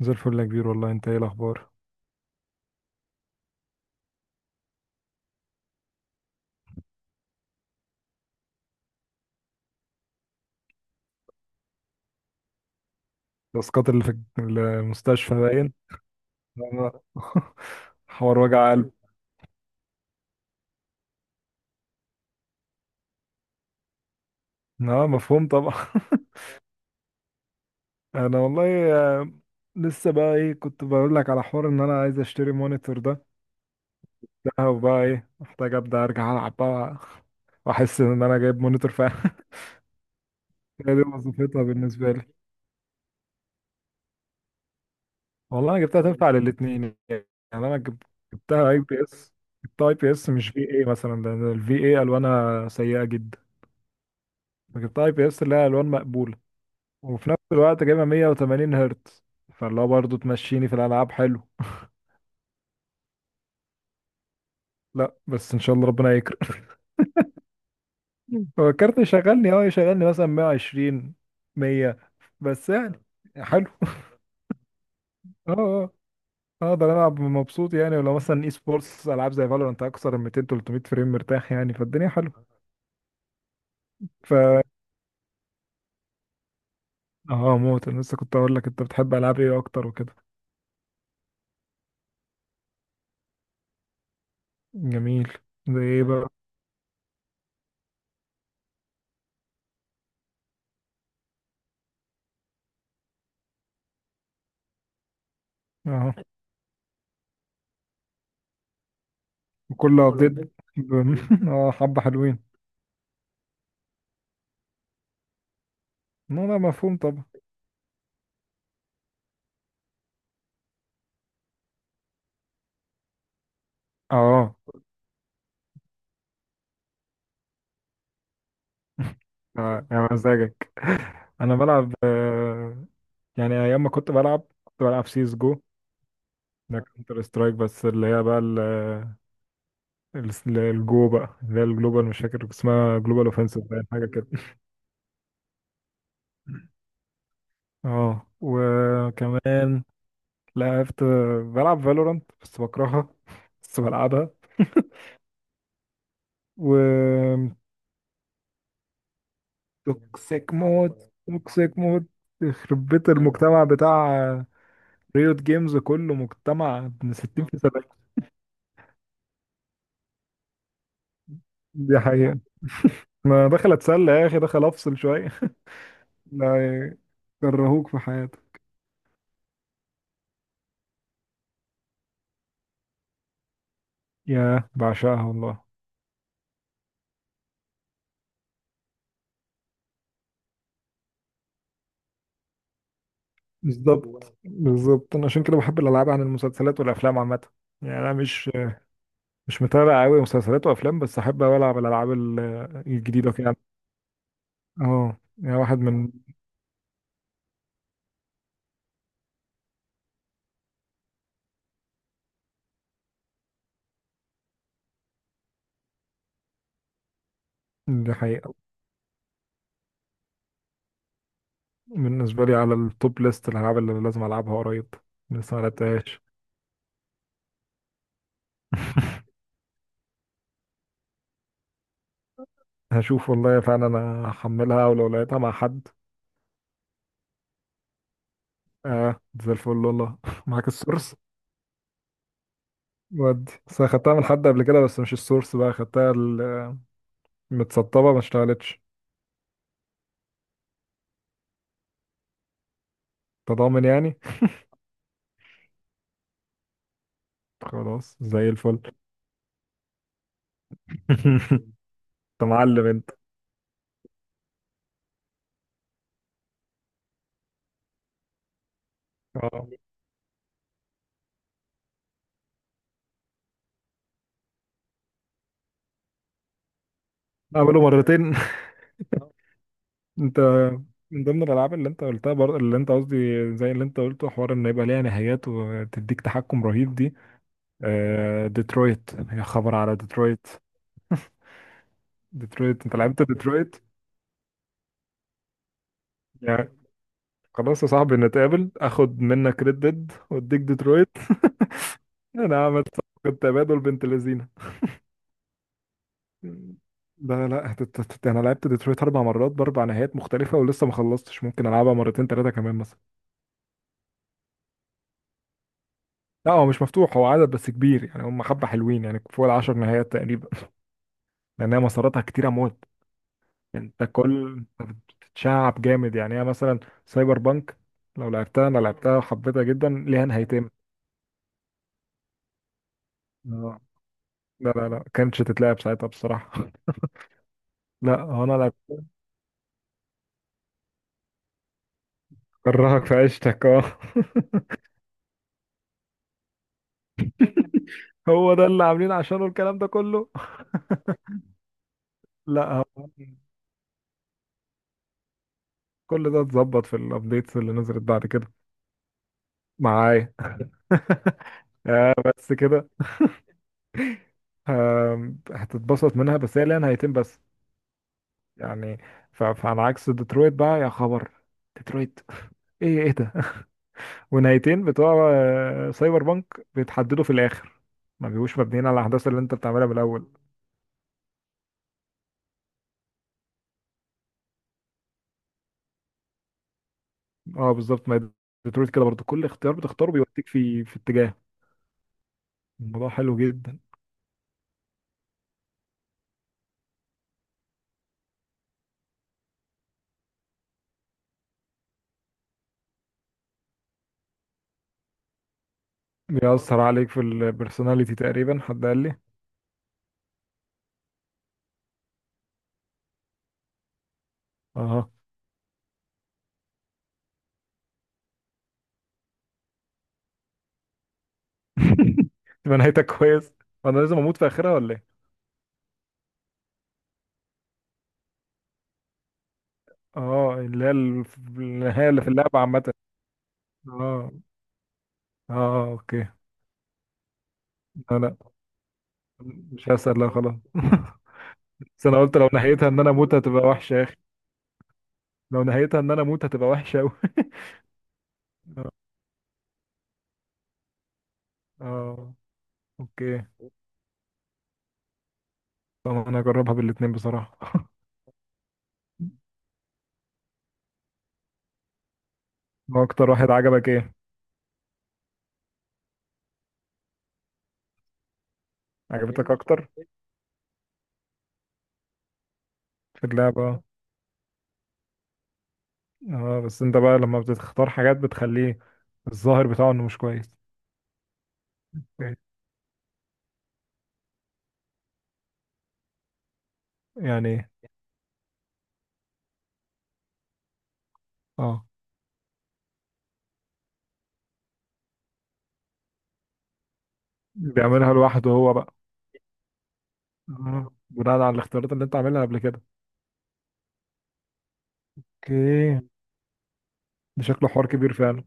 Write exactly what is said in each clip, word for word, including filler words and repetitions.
زي الفل يا كبير، والله انت ايه الاخبار؟ الاسقاط اللي في المستشفى باين. انا- حوار وجع قلب. اه، مفهوم طبعا. انا والله آه، لسه بقى ايه كنت بقول لك على حوار ان انا عايز اشتري مونيتور ده ده وبقى ايه محتاج ابدا ارجع العب بقى. واحس ان انا جايب مونيتور فعلا. هي دي وظيفتها بالنسبه لي. والله انا جبتها تنفع للاثنين يعني. انا جب- جبتها اي بي اس جبتها اي بي اس مش في اي مثلا، لان الفي اي الوانها سيئه جدا. فجبتها اي بي اس اللي هي الوان مقبوله، وفي نفس الوقت جايبه 180 هرتز. فاللي هو برضه تمشيني في الالعاب حلو. لا بس ان شاء الله ربنا يكرم. هو الكارت يشغلني اه يشغلني مثلا مية وعشرين، مية، بس يعني حلو. اه، اه، اقدر العب مبسوط يعني، ولو مثلا اي سبورتس العاب زي فالورانت اكثر من ميتين ثلاث مية فريم مرتاح يعني، فالدنيا حلوه. ف اه آه، موت، انا لسه كنت اقول لك انت بتحب العاب ايه اكتر وكده. جميل. زي ايه بقى؟ اه. كل ابديت. اه، حبه حلوين. لا، لا، مفهوم طبعا. اه، اه، يا مزاجك. انا بلعب آه، يعني ايام ما كنت بلعب كنت بلعب سيس جو. ده كونتر سترايك بس اللي هي بقى ال- ال- الجو بقى اللي هي الجلوبال، مش فاكر اسمها جلوبال اوفنسيف باين حاجه كده. اه، وكمان لعبت بلعب فالورانت بس بكرهها، بس بلعبها. و توكسيك مود، توكسيك مود، يخرب بيت المجتمع بتاع ريوت جيمز، كله مجتمع من ستين في المية. دي حقيقة. ما دخل اتسلى يا اخي، دخل افصل شوية. لا، يكرهوك في حياتك. يا بعشقها والله. بالظبط بالظبط، انا عشان كده بحب الالعاب عن المسلسلات والافلام عامة. يعني انا مش مش متابع قوي مسلسلات وافلام، بس احب أوي العب الالعاب ال- الجديدة كده. اه يعني واحد من. دي حقيقة. بالنسبة لي على التوب ليست الالعاب اللي لازم العبها قريب. لسه ما لعبتهاش. هشوف والله، فعلا انا هحملها ولو لقيتها مع حد. اه، زي الفل والله. معاك السورس. ودي بس أنا خدتها من حد قبل كده، بس مش السورس بقى، خدتها ال- متسطبة ما اشتغلتش. تضامن يعني. خلاص زي الفل. انت معلم انت. اه. اعمله مرتين. انت من ضمن الالعاب اللي انت قلتها بر... اللي انت قصدي، زي اللي انت قلته حوار ان يبقى ليها نهايات وتديك تحكم رهيب دي. آه... ديترويت، يا خبر على ديترويت. ديترويت، انت لعبت ديترويت؟ يعني خلاص يا صاحبي، نتقابل، اخد منك ريد ديد واديك ديترويت. انا عملت صفقة تبادل بنت لذينه. لا لا، هتت- هتت- انا لعبت ديترويت اربع مرات باربع نهايات مختلفه ولسه ما خلصتش، ممكن العبها مرتين ثلاثه كمان مثلا. لا، هو مش مفتوح، هو عدد بس كبير يعني، هم حبه حلوين يعني فوق العشر نهايات تقريبا. لانها مساراتها كتيره موت. انت كل تتشعب جامد يعني. هي مثلا سايبر بانك، لو لعبتها انا لعبتها وحبيتها جدا، ليها نهايتين. اه. لا لا لا كانتش تتلعب ساعتها بصراحه. لا هو انا لعبت. كرهك في عيشتك اه. هو ده اللي عاملين عشانه الكلام ده كله. لا، كل ده اتظبط في الابديتس اللي نزلت بعد كده. معايا. بس كده. آم، هتتبسط منها، بس هي ليها نهايتين بس يعني. ف- فعلى عكس ديترويت بقى يا خبر، ديترويت، ايه ايه ده. ونهايتين بتوع آه، سايبر بانك بيتحددوا في الاخر، ما بيبقوش مبنيين على الاحداث اللي انت بتعملها من الاول. اه بالظبط، ما هي ديترويت كده برضو، كل اختيار بتختاره بيوديك في في اتجاه. الموضوع حلو جدا. بيأثر عليك في البرسوناليتي تقريبا، حد قال لي. اه. تبقى نهايتك كويس. وانا لازم اموت في اخرها ولا ايه؟ اه اللي هي ال- النهايه اللي في اللعبه عامه. اه، اه، اوكي. لا لا، مش هسأل، لا خلاص. بس انا قلت لو نهايتها ان انا اموت هتبقى وحشه يا اخي. لو نهايتها ان انا اموت هتبقى وحشه قوي. اه اوكي، طب انا هجربها بالاتنين بصراحه. هو اكتر واحد عجبك ايه؟ عجبتك اكتر في اللعبه. اه، بس انت بقى لما بتختار حاجات بتخليه الظاهر بتاعه انه مش كويس. يعني إيه؟ اه، بيعملها لوحده هو بقى. آه. بناء على الاختيارات اللي انت عاملها قبل كده. اوكي. ده شكله حوار كبير فعلا.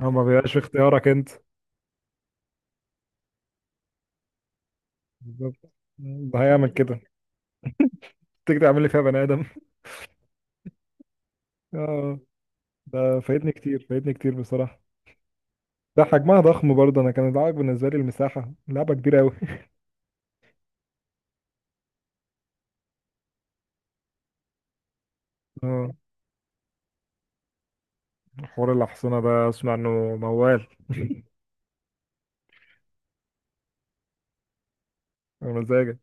هو ما بيبقاش في اختيارك انت. بالظبط. ده هيعمل كده، تيجي تعمل لي فيها بني ادم. اه، ده فايتني كتير فايتني كتير بصراحة. ده حجمها ضخم برضه، انا كان العائق بالنسبة لي المساحة، لعبة كبيرة قوي. اه، حوار الأحصنة ده اسمع انه موال. مزاجك.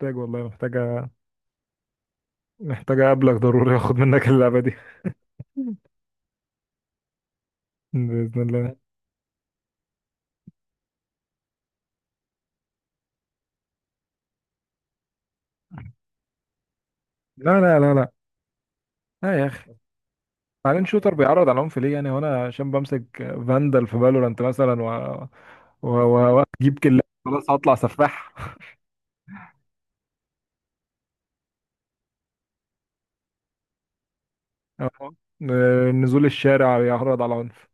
محتاج والله محتاجة، محتاجة أقابلك ضروري آخد منك اللعبة دي. بإذن الله. لا لا لا لا، لا يا أخي، بعدين شوتر بيعرض على العنف ليه يعني؟ هو انا عشان بمسك فاندل في فالورانت مثلا و و- و- واجيب كلاب، خلاص هطلع سفاح. أهو. آه، نزول الشارع بيعرض على عنف.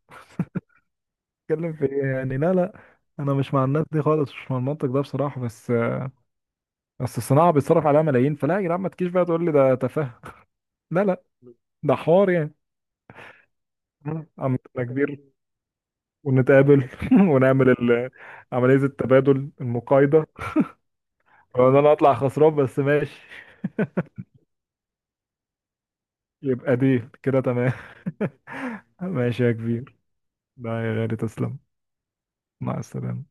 اتكلم في ايه يعني؟ لا لا، انا مش مع الناس دي خالص، مش مع المنطق ده بصراحه، بس بس الصناعه بيتصرف عليها ملايين، فلا يا جدعان، ما تجيش بقى تقول لي ده تفاهه. لا لا، ده حوار يعني. مم. عم انا كبير، ونتقابل. ونعمل ال- عمليه التبادل المقايضه. وان انا اطلع خسران بس ماشي. يبقى دي كده تمام. ماشي يا كبير. لا يا غالي، تسلم. مع السلامة.